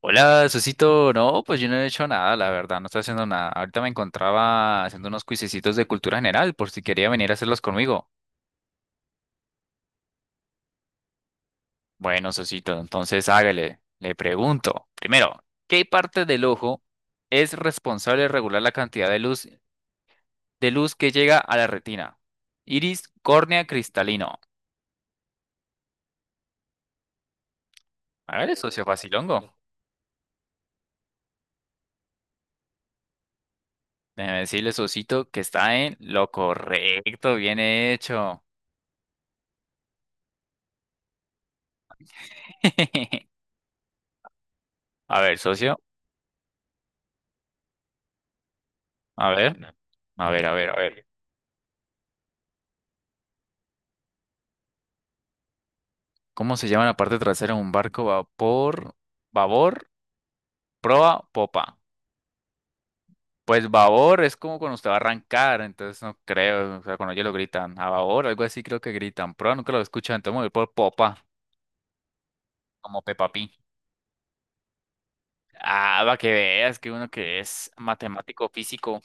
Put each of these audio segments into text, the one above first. Hola, Susito. No, pues yo no he hecho nada, la verdad, no estoy haciendo nada. Ahorita me encontraba haciendo unos cuisecitos de cultura general, por si quería venir a hacerlos conmigo. Bueno, Susito, entonces hágale. Le pregunto, primero, ¿qué parte del ojo es responsable de regular la cantidad de luz, que llega a la retina? Iris, córnea, cristalino. Hágale, socio facilongo. Déjeme decirle, Susito, que está en lo correcto, bien hecho. A ver, socio, a ver. A ver, a ver, a ver. ¿Cómo se llama la parte trasera de un barco? Vapor, babor, proa, popa. Pues babor es como cuando usted va a arrancar, entonces no creo, o sea, cuando ellos lo gritan, a babor, algo así creo que gritan, proa nunca lo escuchan, entonces me voy por popa, como Peppa Pig. Ah, va que veas que uno que es matemático físico.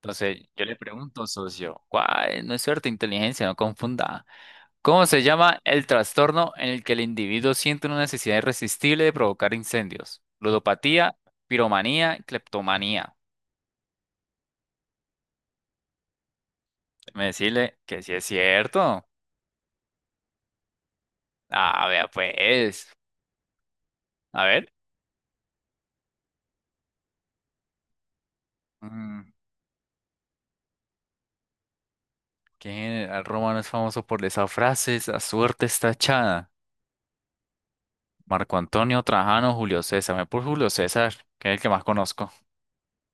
Entonces, yo le pregunto, socio, ¿cuál? No es suerte, inteligencia, no confunda. ¿Cómo se llama el trastorno en el que el individuo siente una necesidad irresistible de provocar incendios? Ludopatía, piromanía, cleptomanía. Me decirle que sí es cierto. Ah, vea pues. A ver. Mm, ¿Qué general romano es famoso por esa frase? La suerte está echada. Marco Antonio, Trajano, Julio César. Me voy por Julio César, que es el que más conozco.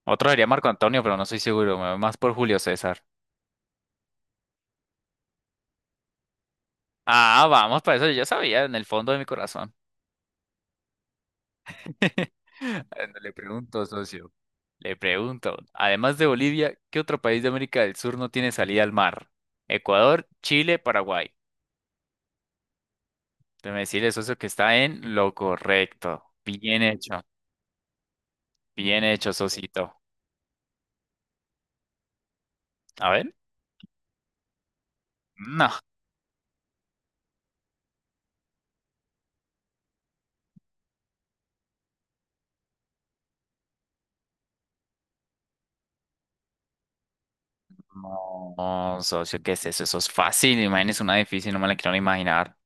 Otro sería Marco Antonio, pero no estoy seguro. Me voy más por Julio César. Ah, vamos, para eso yo ya sabía en el fondo de mi corazón. Bueno, le pregunto, socio, le pregunto, además de Bolivia, ¿qué otro país de América del Sur no tiene salida al mar? Ecuador, Chile, Paraguay. Déjeme decirle, socio, que está en lo correcto. Bien hecho, socito. A ver. No, no, socio, ¿qué es eso? Eso es fácil, imagínese una difícil, no me la quiero ni imaginar.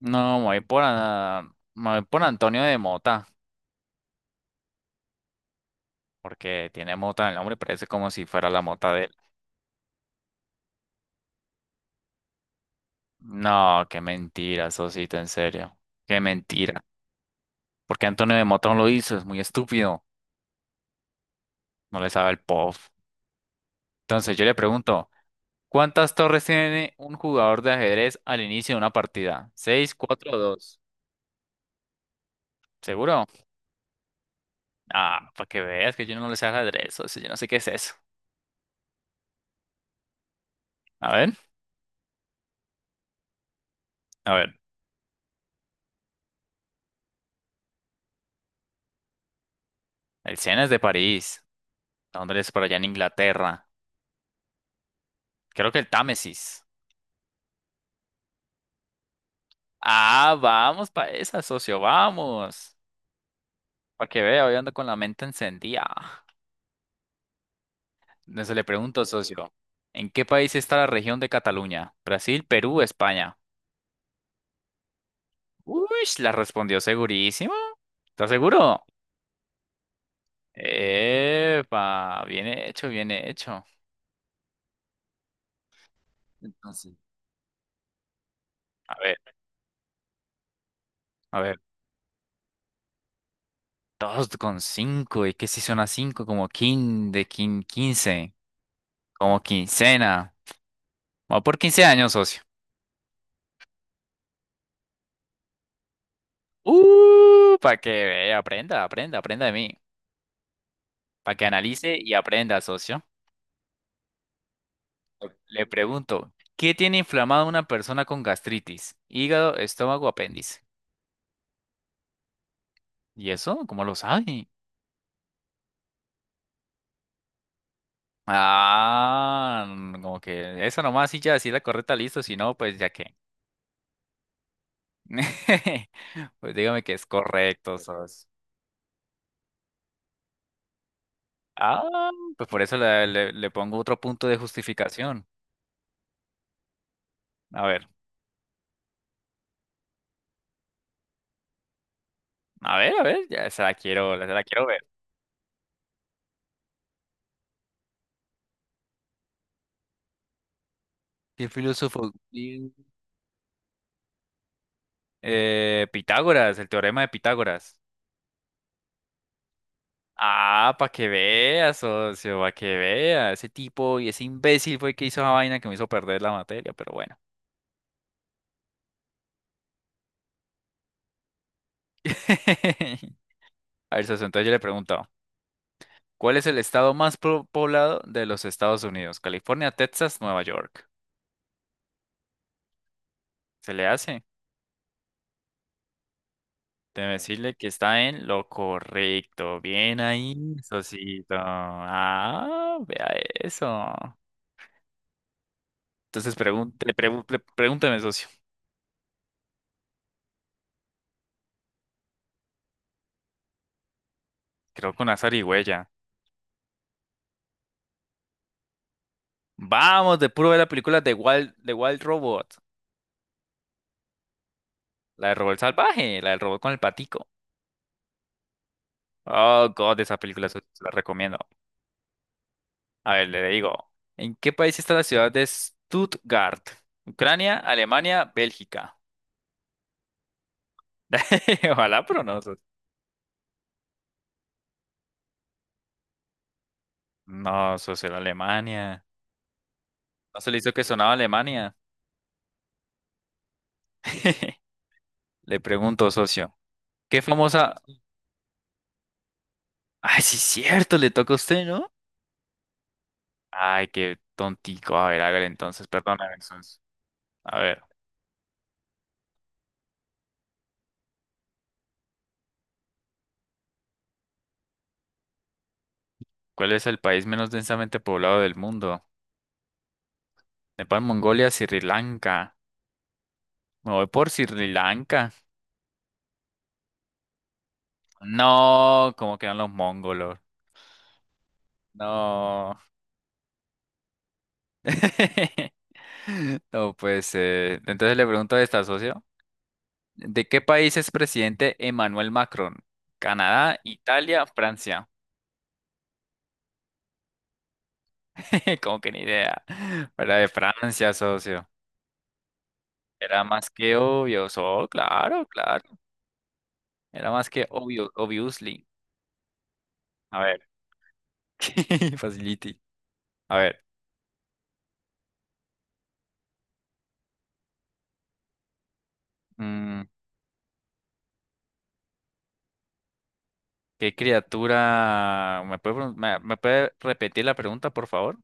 No, me voy por Antonio de Mota, porque tiene Mota en el nombre, parece como si fuera la mota de. No, qué mentira, Sosito, en serio. Qué mentira. Porque Antonio de Motón lo hizo, es muy estúpido. No le sabe el pop. Entonces yo le pregunto, ¿cuántas torres tiene un jugador de ajedrez al inicio de una partida? ¿Seis, cuatro o dos? ¿Seguro? Ah, para que veas que yo no le sé ajedrez, socio, yo no sé qué es eso. A ver, a ver. El Sena es de París. Londres por allá en Inglaterra. Creo que el Támesis. Ah, vamos para esa, socio, vamos. Para que vea, hoy ando con la mente encendida. Entonces le pregunto, socio, ¿en qué país está la región de Cataluña? ¿Brasil, Perú, España? Uy, la respondió segurísimo. ¿Estás seguro? Epa, bien hecho, bien hecho. Entonces, a ver, a ver, dos con cinco, ¿y qué si suena cinco? Como quin, de quin, quince, como quincena. Va por 15 años, socio. Para que vea, aprenda, aprenda, aprenda de mí. Para que analice y aprenda, socio. Ok. Le pregunto, ¿qué tiene inflamado una persona con gastritis? Hígado, estómago, apéndice. ¿Y eso? ¿Cómo lo sabe? Ah, como que esa nomás sí ya sí la correcta, listo, si no, pues ya qué. Pues dígame que es correcto, sos. Ah, pues por eso le pongo otro punto de justificación. A ver, a ver, a ver, ya se la quiero ver. ¿Qué filósofo? Pitágoras, el teorema de Pitágoras. Ah, para que veas, socio, para que vea. Ese tipo y ese imbécil fue el que hizo esa vaina que me hizo perder la materia, pero bueno. A ver, socio, entonces yo le pregunto, ¿cuál es el estado más poblado de los Estados Unidos? California, Texas, Nueva York. ¿Se le hace? Debe decirle que está en lo correcto. Bien ahí, socito. Ah, vea eso. Entonces pregúnteme, socio. Creo con azar y huella. Vamos, de puro ver la película de Wild Robot. La del Robot Salvaje, la del robot con el patico. Oh, God, esa película se la recomiendo. A ver, le digo. ¿En qué país está la ciudad de Stuttgart? Ucrania, Alemania, Bélgica. Ojalá, pero no. No, socio, era Alemania. No se le hizo que sonaba Alemania. Le pregunto, socio. ¿Qué famosa? Ay, sí, cierto, le toca a usted, ¿no? Ay, qué tontico. A ver, hágale entonces, perdóname entonces. A ver. ¿Cuál es el país menos densamente poblado del mundo? Nepal, Mongolia, Sri Lanka. Me voy por Sri Lanka. No, ¿cómo quedan los mongolos? No. No, pues, entonces le pregunto a esta socio, ¿de qué país es presidente Emmanuel Macron? Canadá, Italia, Francia. Como que ni idea. Era de Francia, socio. Era más que obvio. Oh, claro, claro. Era más que obvio, obviously. A ver. Facility. A ver, mm, ¿qué criatura? ¿Me puede, me puede repetir la pregunta, por favor?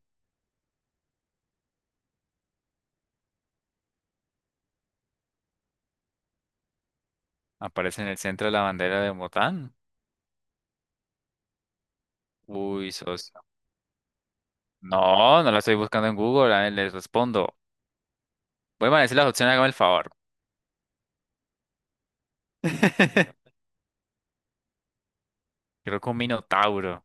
Aparece en el centro de la bandera de Botán. Uy, socio. No, no la estoy buscando en Google. A ver, les respondo. Voy a decir las opciones, hágame el favor. Creo que un minotauro.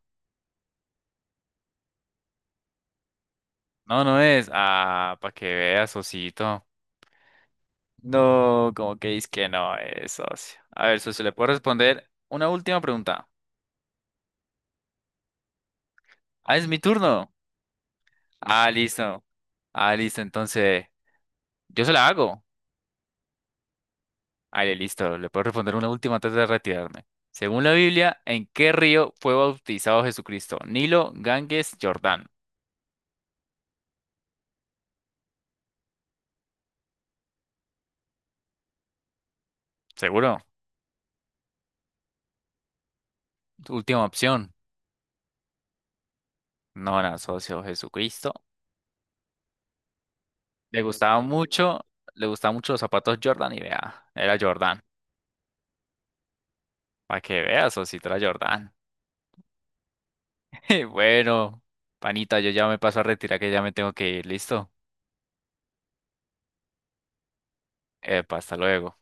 No, no es. Ah, para que veas, socito. No, como que dices que no es, socio. A ver, socio, ¿le puedo responder una última pregunta? Ah, es mi turno. Ah, listo. Ah, listo, entonces yo se la hago. Ale, listo, le puedo responder una última antes de retirarme. Según la Biblia, ¿en qué río fue bautizado Jesucristo? Nilo, Ganges, Jordán. ¿Seguro? Última opción. No, era socio, Jesucristo. Le gustaba mucho, le gustaban mucho los zapatos Jordan y vea, era Jordán. Para que veas, socio, era Jordán. Bueno, panita, yo ya me paso a retirar que ya me tengo que ir, ¿listo? Epa, hasta luego.